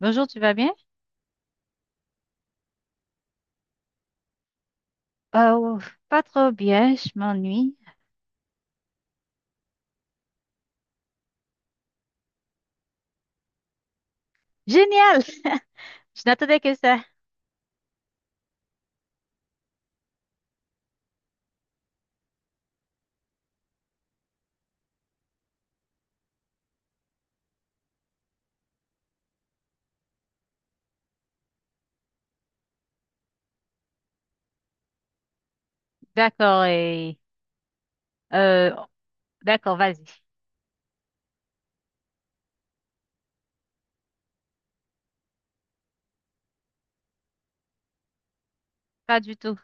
Bonjour, tu vas bien? Oh, pas trop bien, je m'ennuie. Génial! Je n'attendais que ça. D'accord, et euh, d'accord, vas-y. Pas du tout.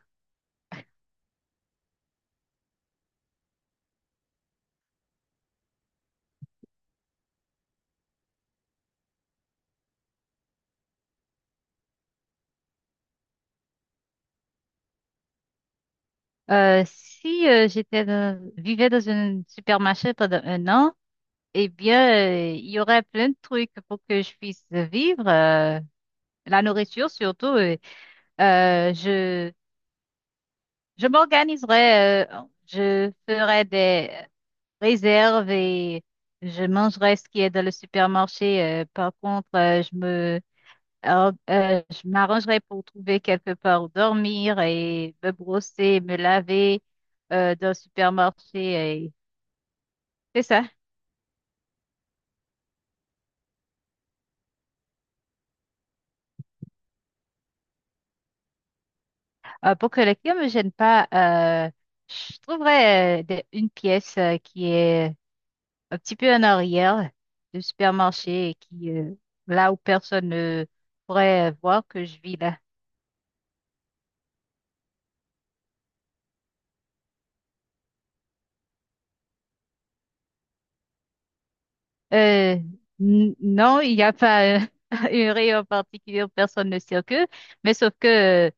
Si vivais dans un supermarché pendant un an, eh bien, il y aurait plein de trucs pour que je puisse vivre. La nourriture surtout. Euh, je je m'organiserais. Je ferais des réserve et je mangerai ce qui est dans le supermarché. Par contre, je m'arrangerai pour trouver quelque part où dormir et me brosser, me laver dans le supermarché. C'est ça. Pour que les clients ne me gênent pas, je trouverai une pièce qui est un petit peu en arrière du supermarché là où personne ne pourrait voir que je vis là. Euh, non, il n'y a pas une rayon particulier où personne ne circule, mais sauf que euh,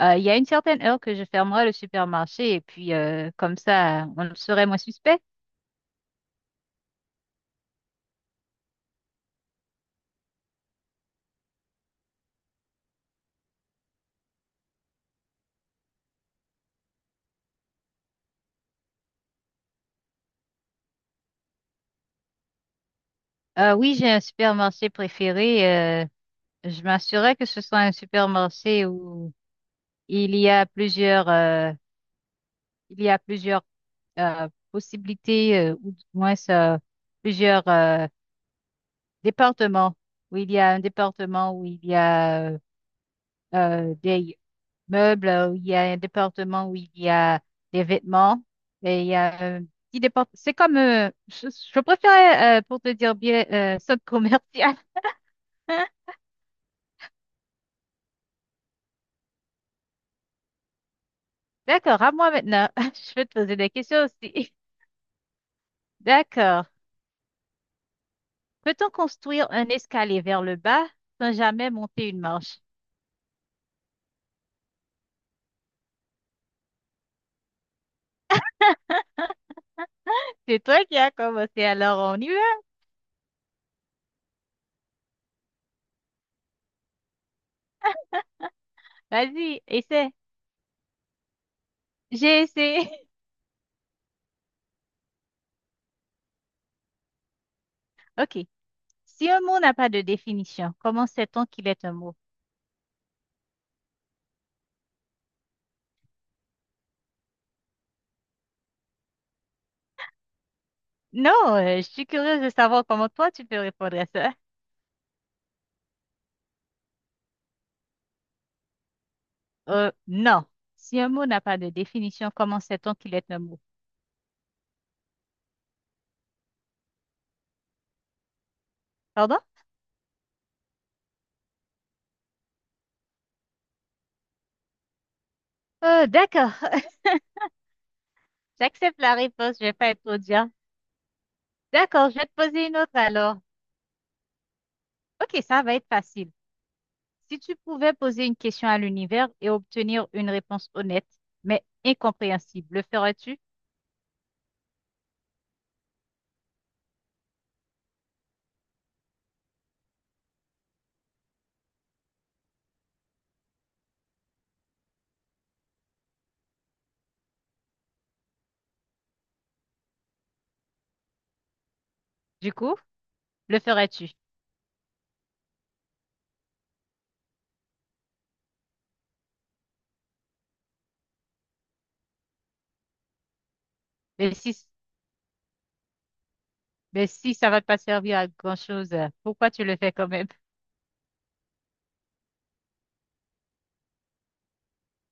euh, il y a une certaine heure que je fermerai le supermarché et puis comme ça, on serait moins suspect. Oui, j'ai un supermarché préféré. Je m'assurerai que ce soit un supermarché où il y a il y a plusieurs possibilités ou du moins plusieurs Département, où il y a un département où il y a des meubles, où il y a un département où il y a des vêtements, et il y a un petit département. C'est comme, je préférais, pour te dire bien, centre commercial. D'accord, à moi maintenant. Je vais te poser des questions aussi. D'accord. Peut-on construire un escalier vers le bas sans jamais monter une marche? C'est toi qui as commencé, alors on y va. Vas-y, essaie. J'ai essayé. OK. Si un mot n'a pas de définition, comment sait-on qu'il est un mot? Non, je suis curieuse de savoir comment toi tu peux répondre à ça. Non. Si un mot n'a pas de définition, comment sait-on qu'il est un mot? Pardon? D'accord. J'accepte la réponse, je vais pas être trop D'accord, je vais te poser une autre alors. Ok, ça va être facile. Si tu pouvais poser une question à l'univers et obtenir une réponse honnête, mais incompréhensible, le ferais-tu? Du coup, le ferais-tu? Le si. Mais si ça va pas servir à grand-chose, pourquoi tu le fais quand même?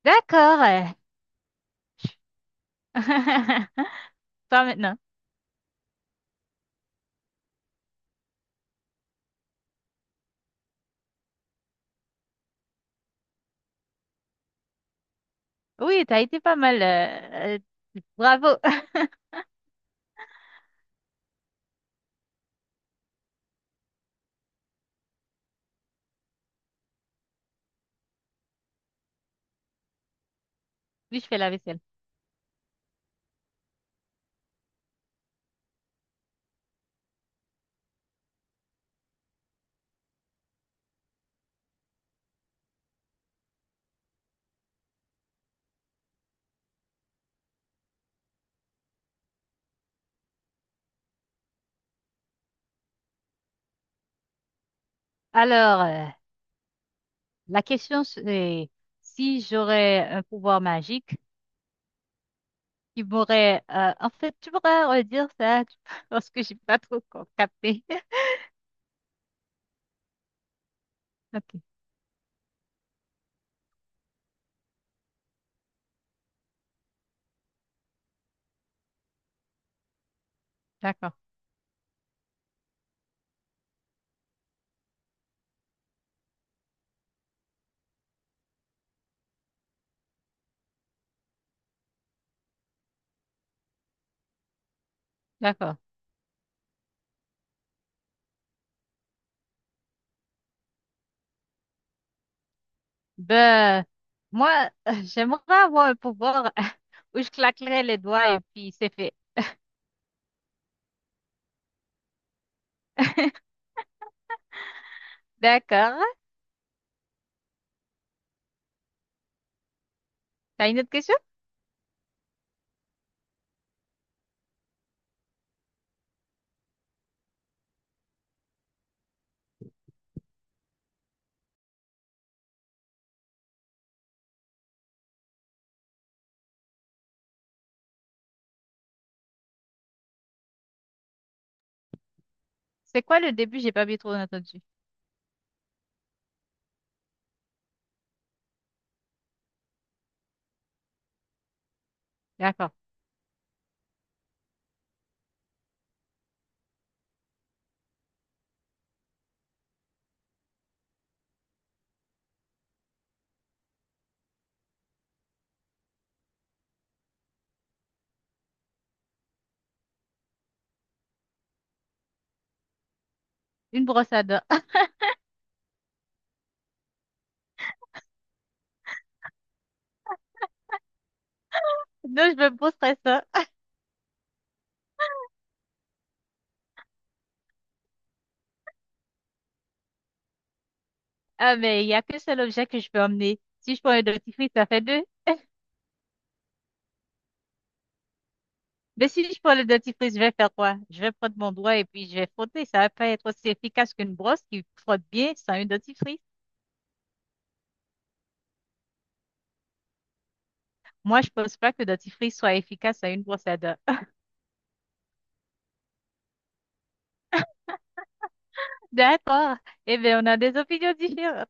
D'accord. Toi maintenant. Oui, t'as été pas mal. Bravo. Oui, je fais la vaisselle. Alors, la question c'est si j'aurais un pouvoir magique qui m'aurait... en fait, tu pourrais redire ça? parce que j'ai pas trop capté. Ok, d'accord, d'accord. Ben, moi, j'aimerais avoir un pouvoir où je claquerais les doigts et puis c'est fait. D'accord. T'as une autre question? C'est quoi le début? J'ai pas bien trop entendu. D'accord. Une brosse à dents. Non, je me poserai ça. Ah, mais il y a qu'un seul objet que je peux emmener. Si je prends un dentifrice, ça fait deux. Mais si je prends le dentifrice, je vais faire quoi? Je vais prendre mon doigt et puis je vais frotter. Ça va pas être aussi efficace qu'une brosse qui frotte bien sans une dentifrice. Moi, je pense pas que le dentifrice soit efficace à une brosse à dents. D'accord. Eh bien, on a des opinions différentes.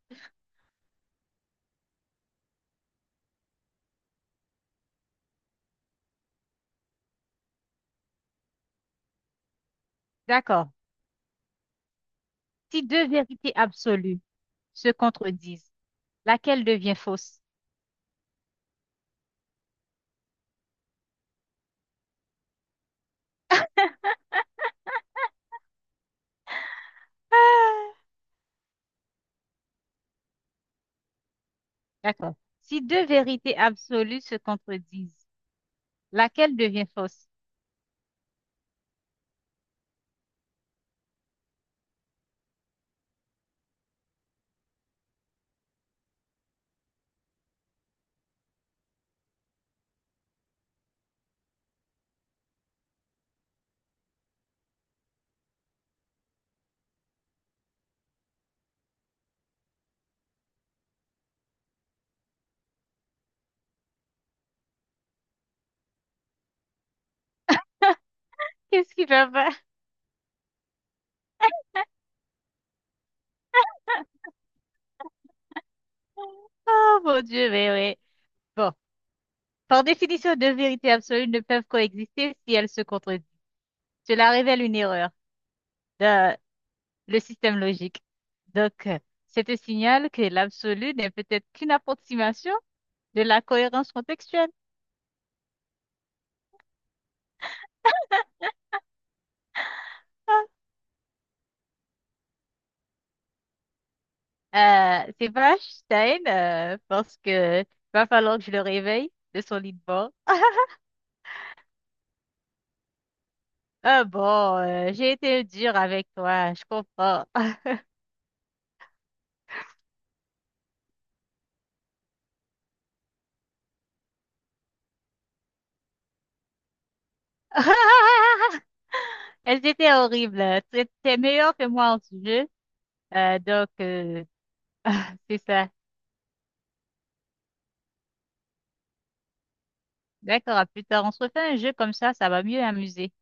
D'accord. Si deux vérités absolues se contredisent, laquelle devient fausse? Ah! D'accord. Si deux vérités absolues se contredisent, laquelle devient fausse? Qu'est-ce qui va pas? Oh mon Dieu, mais oui. Bon, par définition, deux vérités absolues ne peuvent coexister si elles se contredisent. Cela révèle une erreur dans le système logique. Donc, c'est un signal que l'absolu n'est peut-être qu'une approximation de la cohérence contextuelle. Ah, c'est pas Einstein, parce que va falloir que je le réveille de son lit de mort. Ah bon, j'ai été dure avec toi, je comprends. Elles étaient horribles. T'es meilleur que moi en ce jeu. Donc, c'est ça. D'accord, à plus tard. On se refait un jeu comme ça va mieux amuser.